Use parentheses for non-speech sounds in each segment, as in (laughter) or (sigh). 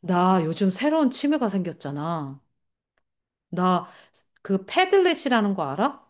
나 요즘 새로운 취미가 생겼잖아. 나 그 패들렛이라는 거 알아?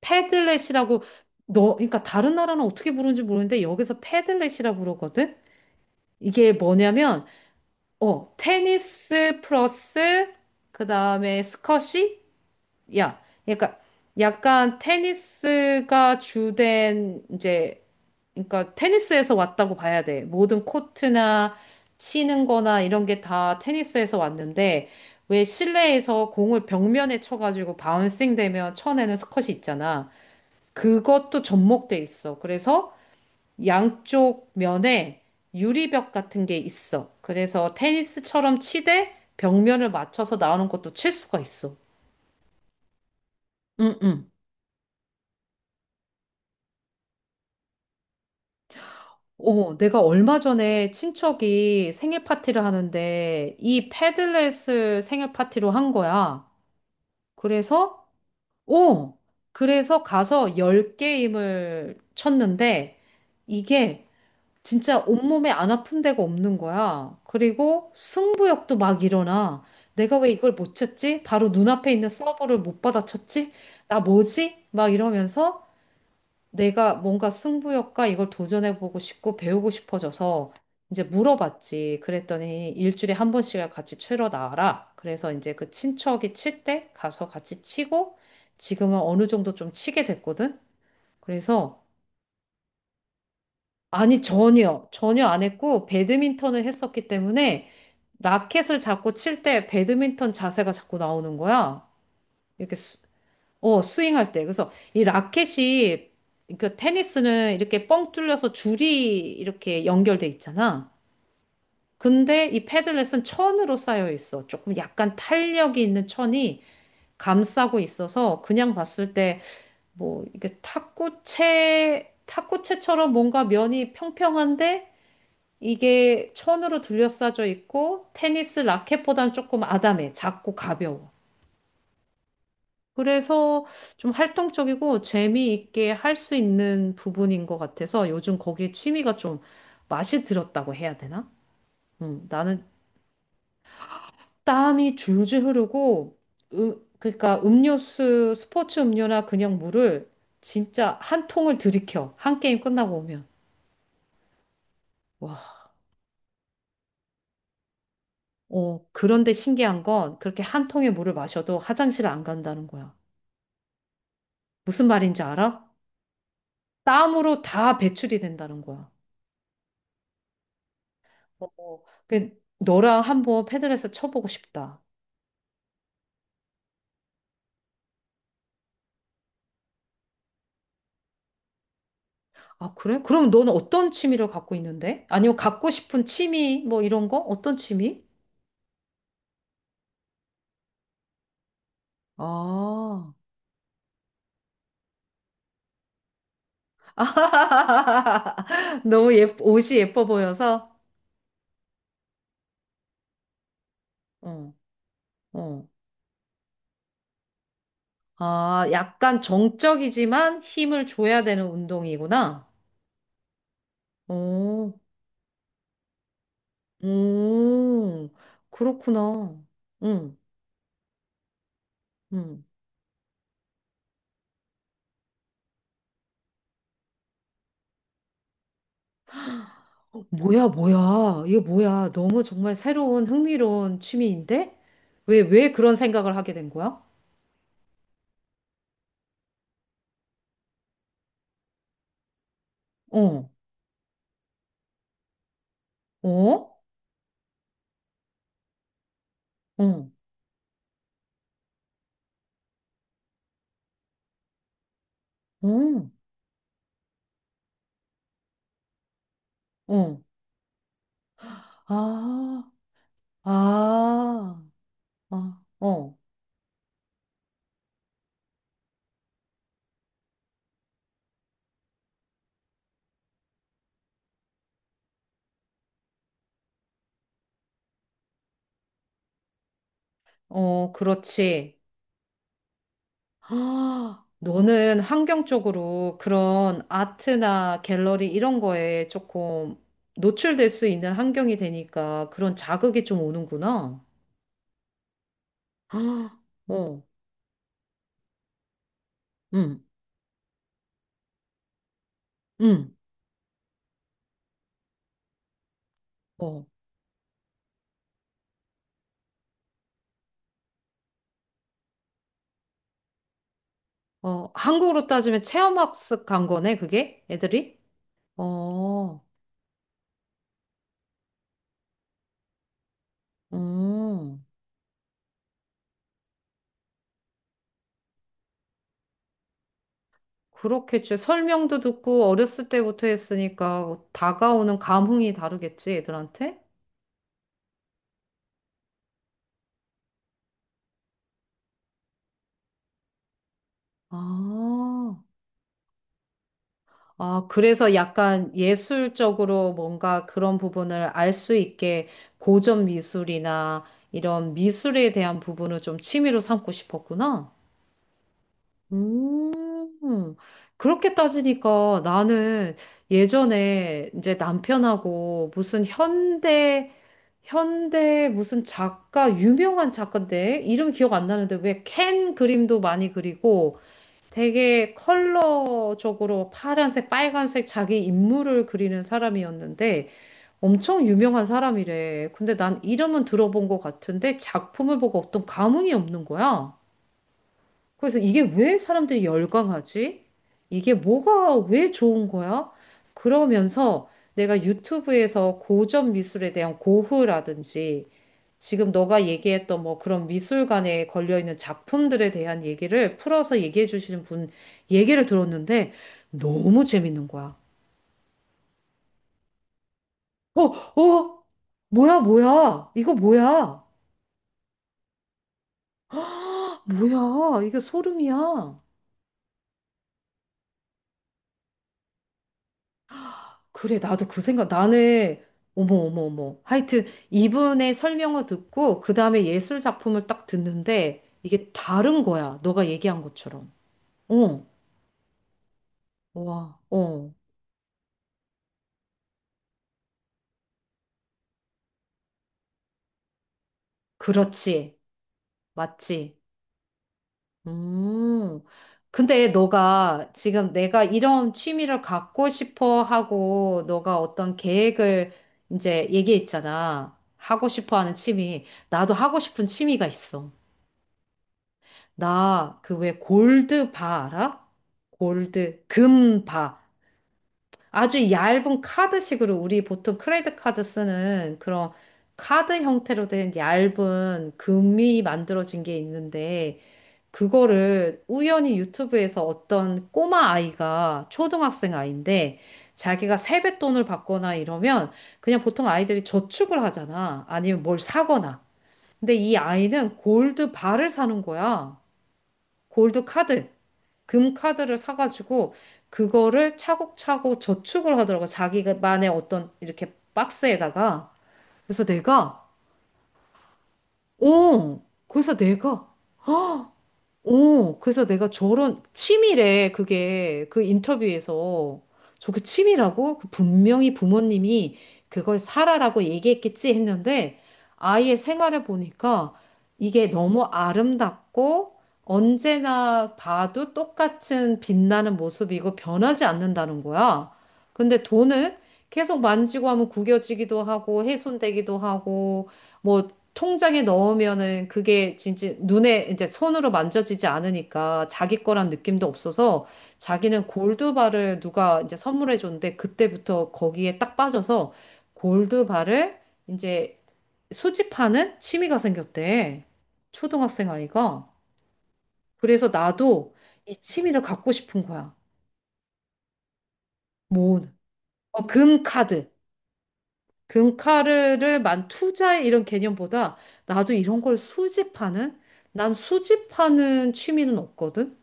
패들렛이라고 너 그러니까 다른 나라는 어떻게 부르는지 모르는데 여기서 패들렛이라 부르거든. 이게 뭐냐면 테니스 플러스 그다음에 스쿼시? 야. 그러니까 약간 테니스가 주된 이제 그러니까 테니스에서 왔다고 봐야 돼. 모든 코트나 치는 거나 이런 게 다 테니스에서 왔는데 왜 실내에서 공을 벽면에 쳐가지고 바운싱 되면 쳐내는 스컷이 있잖아. 그것도 접목돼 있어. 그래서 양쪽 면에 유리벽 같은 게 있어. 그래서 테니스처럼 치되 벽면을 맞춰서 나오는 것도 칠 수가 있어. 응응. 어, 내가 얼마 전에 친척이 생일 파티를 하는데 이 패들렛을 생일 파티로 한 거야. 그래서, 어, 그래서 가서 열게임을 쳤는데 이게 진짜 온몸에 안 아픈 데가 없는 거야. 그리고 승부욕도 막 일어나. 내가 왜 이걸 못 쳤지? 바로 눈앞에 있는 서버를 못 받아쳤지? 나 뭐지? 막 이러면서 내가 뭔가 승부욕과 이걸 도전해보고 싶고 배우고 싶어져서 이제 물어봤지. 그랬더니 일주일에 한 번씩을 같이 치러 나와라. 그래서 이제 그 친척이 칠 때 가서 같이 치고 지금은 어느 정도 좀 치게 됐거든. 그래서 아니 전혀 전혀 안 했고 배드민턴을 했었기 때문에 라켓을 잡고 칠 때 배드민턴 자세가 자꾸 나오는 거야. 이렇게 스윙할 때. 그래서 이 라켓이 그 테니스는 이렇게 뻥 뚫려서 줄이 이렇게 연결돼 있잖아. 근데 이 패들렛은 천으로 쌓여 있어. 조금 약간 탄력이 있는 천이 감싸고 있어서 그냥 봤을 때 뭐 이게 탁구채 탁구채처럼 뭔가 면이 평평한데 이게 천으로 둘러싸져 있고 테니스 라켓보다는 조금 아담해. 작고 가벼워. 그래서 좀 활동적이고 재미있게 할 수 있는 부분인 것 같아서 요즘 거기에 취미가 좀 맛이 들었다고 해야 되나? 나는 땀이 줄줄 흐르고, 그러니까 음료수, 스포츠 음료나 그냥 물을 진짜 한 통을 들이켜. 한 게임 끝나고 오면. 와, 그런데 신기한 건 그렇게 한 통의 물을 마셔도 화장실 안 간다는 거야. 무슨 말인지 알아? 땀으로 다 배출이 된다는 거야. 어, 어. 그 너랑 한번 패들에서 쳐보고 싶다. 아, 그래? 그럼 너는 어떤 취미를 갖고 있는데? 아니면 갖고 싶은 취미 뭐 이런 거? 어떤 취미? 아, (laughs) 너무 예, 옷이 예뻐 보여서? 어, 어. 아, 약간 정적이지만 힘을 줘야 되는 운동이구나. 오, 오, 그렇구나. 응, 응. 어, 뭐야, 뭐야. 이거 뭐야. 너무 정말 새로운 흥미로운 취미인데? 왜 그런 생각을 하게 된 거야? 어, 어, 어, 어, 어. 아, 아, 아, 어, 어, 그렇지. 아, 너는 환경 쪽으로 그런 아트나 갤러리 이런 거에 조금 노출될 수 있는 환경이 되니까 그런 자극이 좀 오는구나. 아, 어, 응, 응, 어. 어, 한국으로 따지면 체험학습 간 거네, 그게? 애들이? 어, 음, 그렇겠지. 설명도 듣고 어렸을 때부터 했으니까 다가오는 감흥이 다르겠지, 애들한테? 아, 아, 그래서 약간 예술적으로 뭔가 그런 부분을 알 수 있게 고전 미술이나 이런 미술에 대한 부분을 좀 취미로 삼고 싶었구나. 음, 그렇게 따지니까 나는 예전에 이제 남편하고 무슨 현대, 무슨 작가, 유명한 작가인데, 이름 기억 안 나는데 왜 캔 그림도 많이 그리고 되게 컬러적으로 파란색, 빨간색 자기 인물을 그리는 사람이었는데 엄청 유명한 사람이래. 근데 난 이름은 들어본 것 같은데 작품을 보고 어떤 감흥이 없는 거야. 그래서 이게 왜 사람들이 열광하지? 이게 뭐가 왜 좋은 거야? 그러면서 내가 유튜브에서 고전 미술에 대한 고흐라든지 지금 너가 얘기했던 뭐 그런 미술관에 걸려있는 작품들에 대한 얘기를 풀어서 얘기해 주시는 분 얘기를 들었는데 너무 재밌는 거야. 어, 어, 뭐야, 뭐야. 이거 뭐야. 뭐야. 이게 소름이야. 그래, 나도 그 생각, 나는, 어머, 어머, 어머. 하여튼, 이분의 설명을 듣고, 그 다음에 예술 작품을 딱 듣는데, 이게 다른 거야. 너가 얘기한 것처럼. 어, 와, 어. 그렇지. 맞지. 음. 근데 너가 지금 내가 이런 취미를 갖고 싶어 하고, 너가 어떤 계획을 이제 얘기했잖아. 하고 싶어 하는 취미. 나도 하고 싶은 취미가 있어. 나 그 왜 골드바 알아? 골드, 금 바. 아주 얇은 카드식으로 우리 보통 크레딧 카드 쓰는 그런 카드 형태로 된 얇은 금이 만들어진 게 있는데 그거를 우연히 유튜브에서 어떤 꼬마 아이가 초등학생 아이인데 자기가 세뱃돈을 받거나 이러면 그냥 보통 아이들이 저축을 하잖아. 아니면 뭘 사거나. 근데 이 아이는 골드 바를 사는 거야. 골드 카드. 금 카드를 사가지고 그거를 차곡차곡 저축을 하더라고. 자기만의 어떤 이렇게 박스에다가. 그래서 내가, 어, 그래서 내가, 그래서 내가 저런 치밀해, 그게 그 인터뷰에서 저그 치밀하고 그 분명히 부모님이 그걸 사라라고 얘기했겠지 했는데 아이의 생활을 보니까 이게 너무 아름답고 언제나 봐도 똑같은 빛나는 모습이고 변하지 않는다는 거야. 근데 돈은 계속 만지고 하면 구겨지기도 하고 훼손되기도 하고 뭐 통장에 넣으면은 그게 진짜 눈에 이제 손으로 만져지지 않으니까 자기 거란 느낌도 없어서 자기는 골드바를 누가 이제 선물해 줬는데 그때부터 거기에 딱 빠져서 골드바를 이제 수집하는 취미가 생겼대. 초등학생 아이가. 그래서 나도 이 취미를 갖고 싶은 거야. 모으는. 어, 금 카드. 금카르를 만 투자해 이런 개념보다 나도 이런 걸 수집하는? 난 수집하는 취미는 없거든?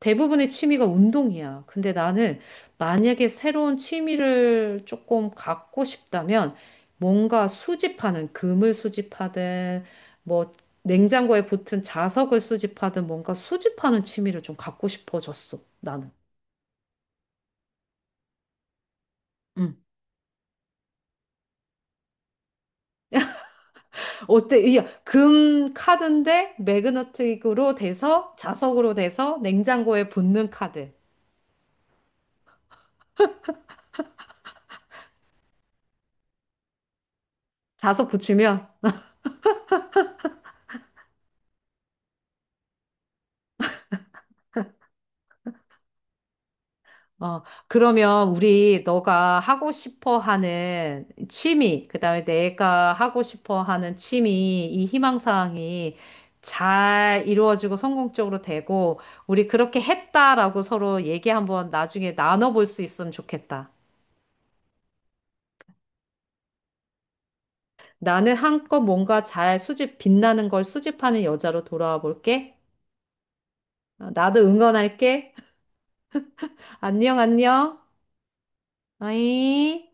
대부분의 취미가 운동이야. 근데 나는 만약에 새로운 취미를 조금 갖고 싶다면 뭔가 수집하는, 금을 수집하든, 뭐, 냉장고에 붙은 자석을 수집하든 뭔가 수집하는 취미를 좀 갖고 싶어졌어, 나는. 응. 어때? 이게 금 카드인데 매그너틱으로 돼서 자석으로 돼서 냉장고에 붙는 카드. 자석 붙이면 어 그러면 우리 너가 하고 싶어 하는 취미, 그다음에 내가 하고 싶어 하는 취미 이 희망 사항이 잘 이루어지고 성공적으로 되고 우리 그렇게 했다라고 서로 얘기 한번 나중에 나눠볼 수 있으면 좋겠다. 나는 한껏 뭔가 잘 수집 빛나는 걸 수집하는 여자로 돌아와 볼게. 어, 나도 응원할게. 안녕, 안녕. 어이.